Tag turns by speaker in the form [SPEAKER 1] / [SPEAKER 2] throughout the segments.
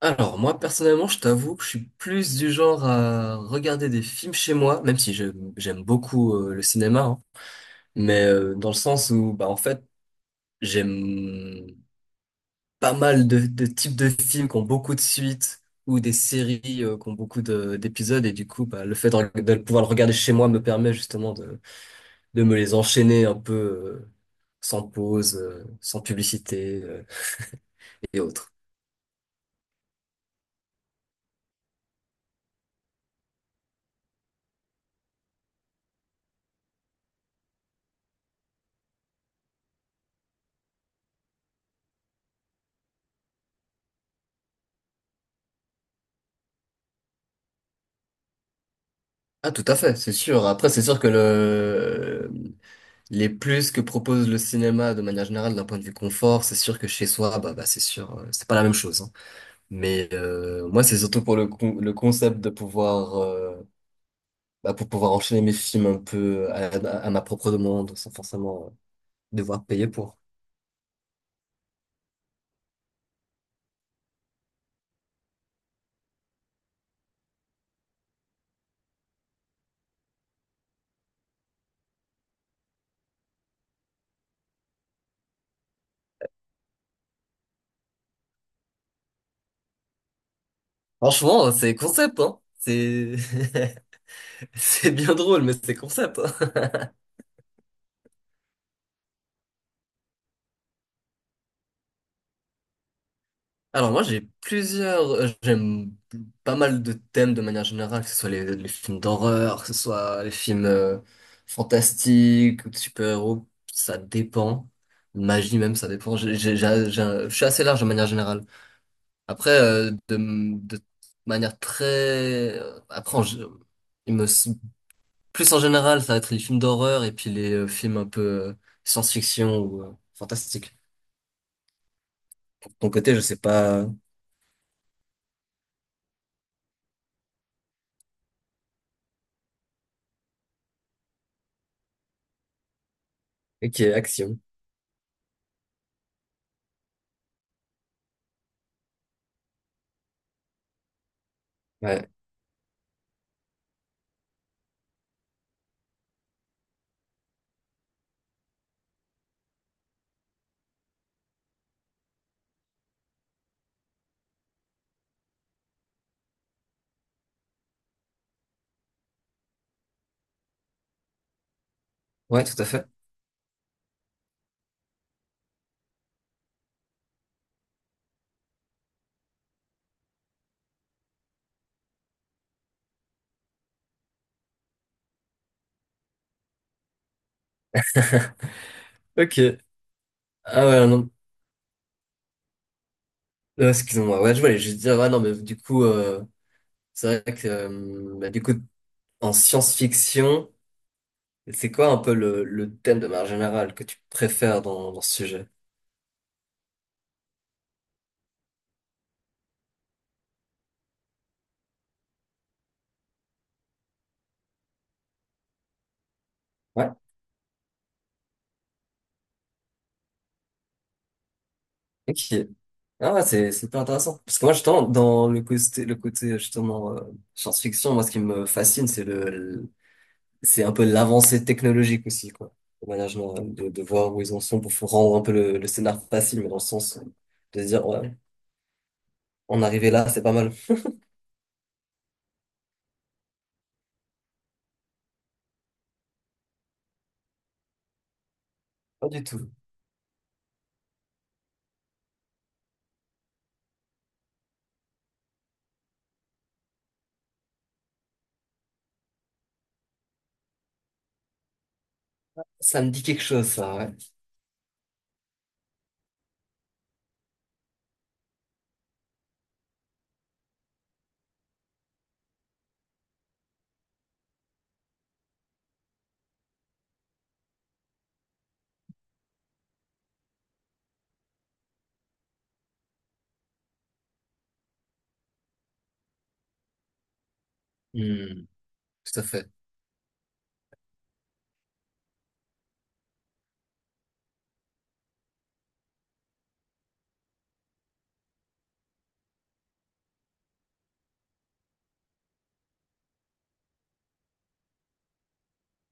[SPEAKER 1] Alors, moi, personnellement, je t'avoue que je suis plus du genre à regarder des films chez moi, même si j'aime beaucoup le cinéma, hein. Mais dans le sens où, bah, en fait, j'aime pas mal de types de films qui ont beaucoup de suites ou des séries qui ont beaucoup d'épisodes, et du coup, bah, le fait de pouvoir le regarder chez moi me permet justement de me les enchaîner un peu sans pause, sans publicité et autres. Ah, tout à fait, c'est sûr. Après, c'est sûr que le les plus que propose le cinéma de manière générale d'un point de vue confort, c'est sûr que chez soi, bah, c'est sûr, c'est pas la même chose, hein. Mais moi, c'est surtout pour le, le concept de pouvoir, bah, pour pouvoir enchaîner mes films un peu à ma propre demande, sans forcément devoir payer pour. Franchement, c'est concept, hein. C'est c'est bien drôle, mais c'est concept, hein. Alors moi j'ai plusieurs, j'aime pas mal de thèmes de manière générale, que ce soit les films d'horreur, que ce soit les films fantastiques ou de super-héros, ça dépend. Magie même, ça dépend. Je suis assez large de manière générale. Après, de manière euh, Après, en gé- il me... plus en général, ça va être les films d'horreur et puis les films un peu science-fiction ou fantastique. De ton côté, je sais pas... Ok, action. Ouais, ouais, tout à fait. Ok. Ah ouais, non. Excuse-moi. Ouais, je voulais juste dire, ouais, non, mais du coup, c'est vrai que, bah, du coup, en science-fiction, c'est quoi un peu le thème de manière générale que tu préfères dans, dans ce sujet? Ouais. Ok. Ah ouais, c'est pas intéressant. Parce que moi, justement, dans le côté, justement, science-fiction, moi, ce qui me fascine, c'est le, c'est un peu l'avancée technologique aussi, quoi. De manière générale, de voir où ils en sont pour rendre un peu le scénar facile, mais dans le sens de se dire, ouais, on arrivait là, c'est pas mal. Pas du tout. Ça me dit quelque chose, ça, ouais. Hmm, tout à fait.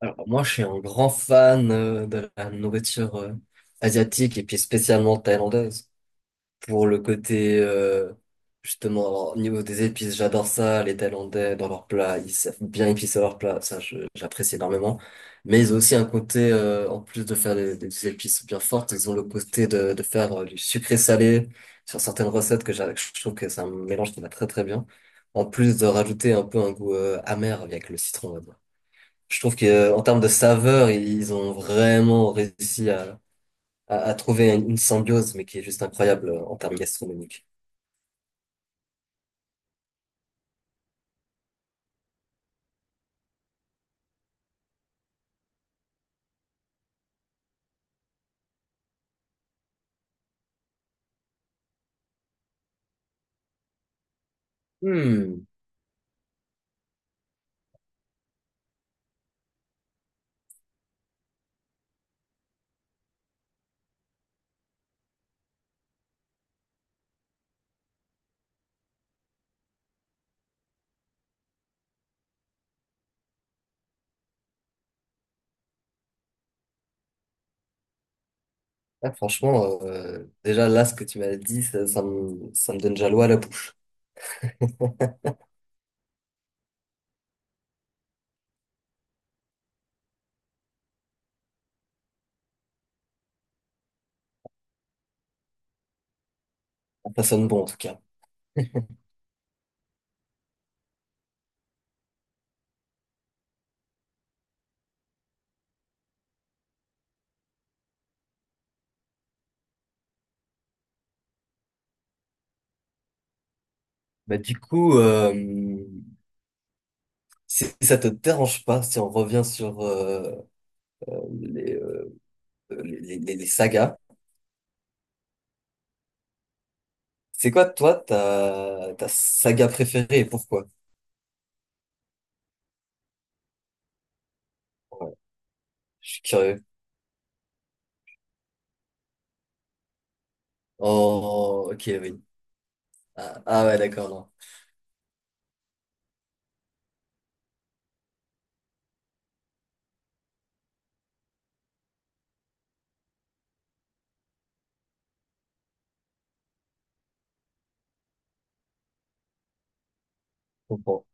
[SPEAKER 1] Alors, moi, je suis un grand fan de la nourriture asiatique et puis spécialement thaïlandaise. Pour le côté justement alors, au niveau des épices, j'adore ça. Les Thaïlandais dans leurs plats, ils savent bien épicer leurs plats, ça j'apprécie énormément, mais ils ont aussi un côté en plus de faire des épices bien fortes, ils ont le côté de faire du sucré salé sur certaines recettes que je trouve que c'est un mélange qui va très très bien, en plus de rajouter un peu un goût amer avec le citron on va dire. Je trouve que en termes de saveur, ils ont vraiment réussi à à trouver une symbiose, mais qui est juste incroyable en termes gastronomiques. Hmm. Ah, franchement, déjà là, ce que tu m'as dit, ça, ça me donne déjà l'eau à la bouche. Ça sonne bon en tout cas. Bah, du coup, si si ça te dérange pas, si on revient sur les, euh, les, sagas, c'est quoi toi ta, ta saga préférée et pourquoi? Ouais, je suis curieux. Oh, ok, oui. Ah, ah ouais, d'accord, non. Je comprends.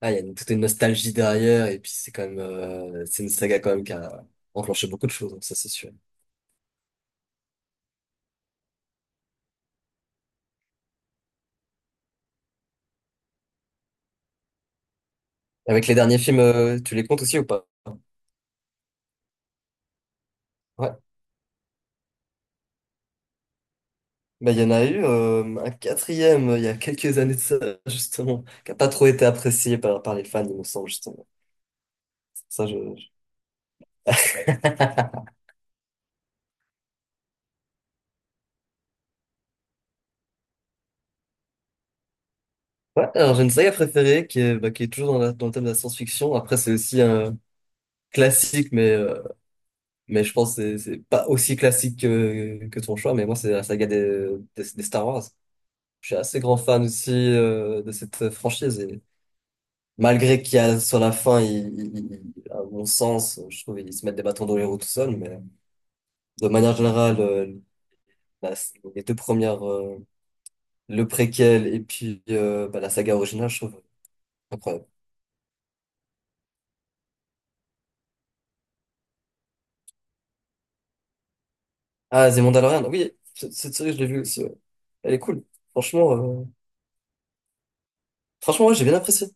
[SPEAKER 1] Ah, il y a toute une nostalgie derrière et puis c'est quand même, c'est une saga quand même qui a enclenché beaucoup de choses, hein, ça c'est sûr. Avec les derniers films, tu les comptes aussi ou pas? Ouais. Bah, il y en a eu un quatrième il y a quelques années de ça, justement, qui a pas trop été apprécié par, par les fans, il me semble, justement. Ça, je- Ouais, alors j'ai une saga préférée qui est, bah, qui est toujours dans, dans le thème de la science-fiction. Après, c'est aussi un classique, mais je pense que c'est pas aussi classique que ton choix. Mais moi, c'est la saga des Star Wars. Je suis assez grand fan aussi de cette franchise. Malgré qu'il y a, sur la fin, il, à mon sens, je trouve qu'ils se mettent des bâtons dans les roues tout seuls, mais de manière générale, la- les deux premières, le préquel et puis bah, la saga originale, je trouve incroyable. Ah, The Mandalorian, oui, cette série, je l'ai vue aussi, ouais. Elle est cool. Franchement, euh, franchement, ouais, j'ai bien apprécié.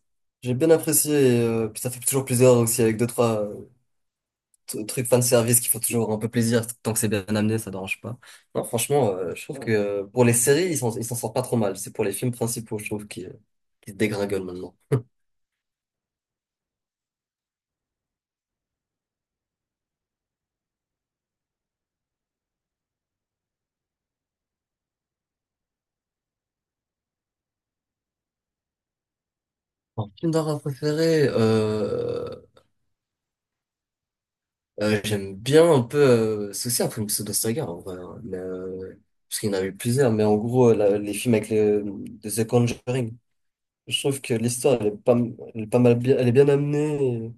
[SPEAKER 1] J'ai bien apprécié et puis ça fait toujours plaisir aussi avec deux, trois truc fan service qui font toujours un peu plaisir tant que c'est bien amené, ça dérange pas. Non, franchement, je trouve que pour les séries, ils s'en sortent pas trop mal. C'est pour les films principaux, je trouve, qui se dégringolent maintenant. Mon film d'horreur préféré, j'aime bien un peu, c'est aussi un film pseudo-saga, en vrai, hein, mais, parce qu'il y en a eu plusieurs, mais en gros, les films avec le, de The Conjuring, je trouve que l'histoire, elle est pas, elle est pas mal bien, elle est bien amenée,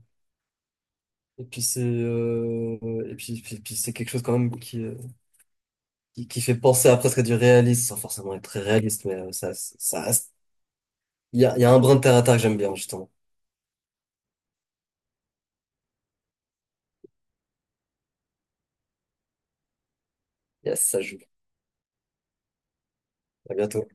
[SPEAKER 1] et puis c'est, et puis, c'est quelque chose quand même qui fait penser à presque du réalisme, sans forcément être très réaliste, mais ça, ça, il y a un brin de terre à terre que j'aime bien, justement. Yes, ça joue. À bientôt.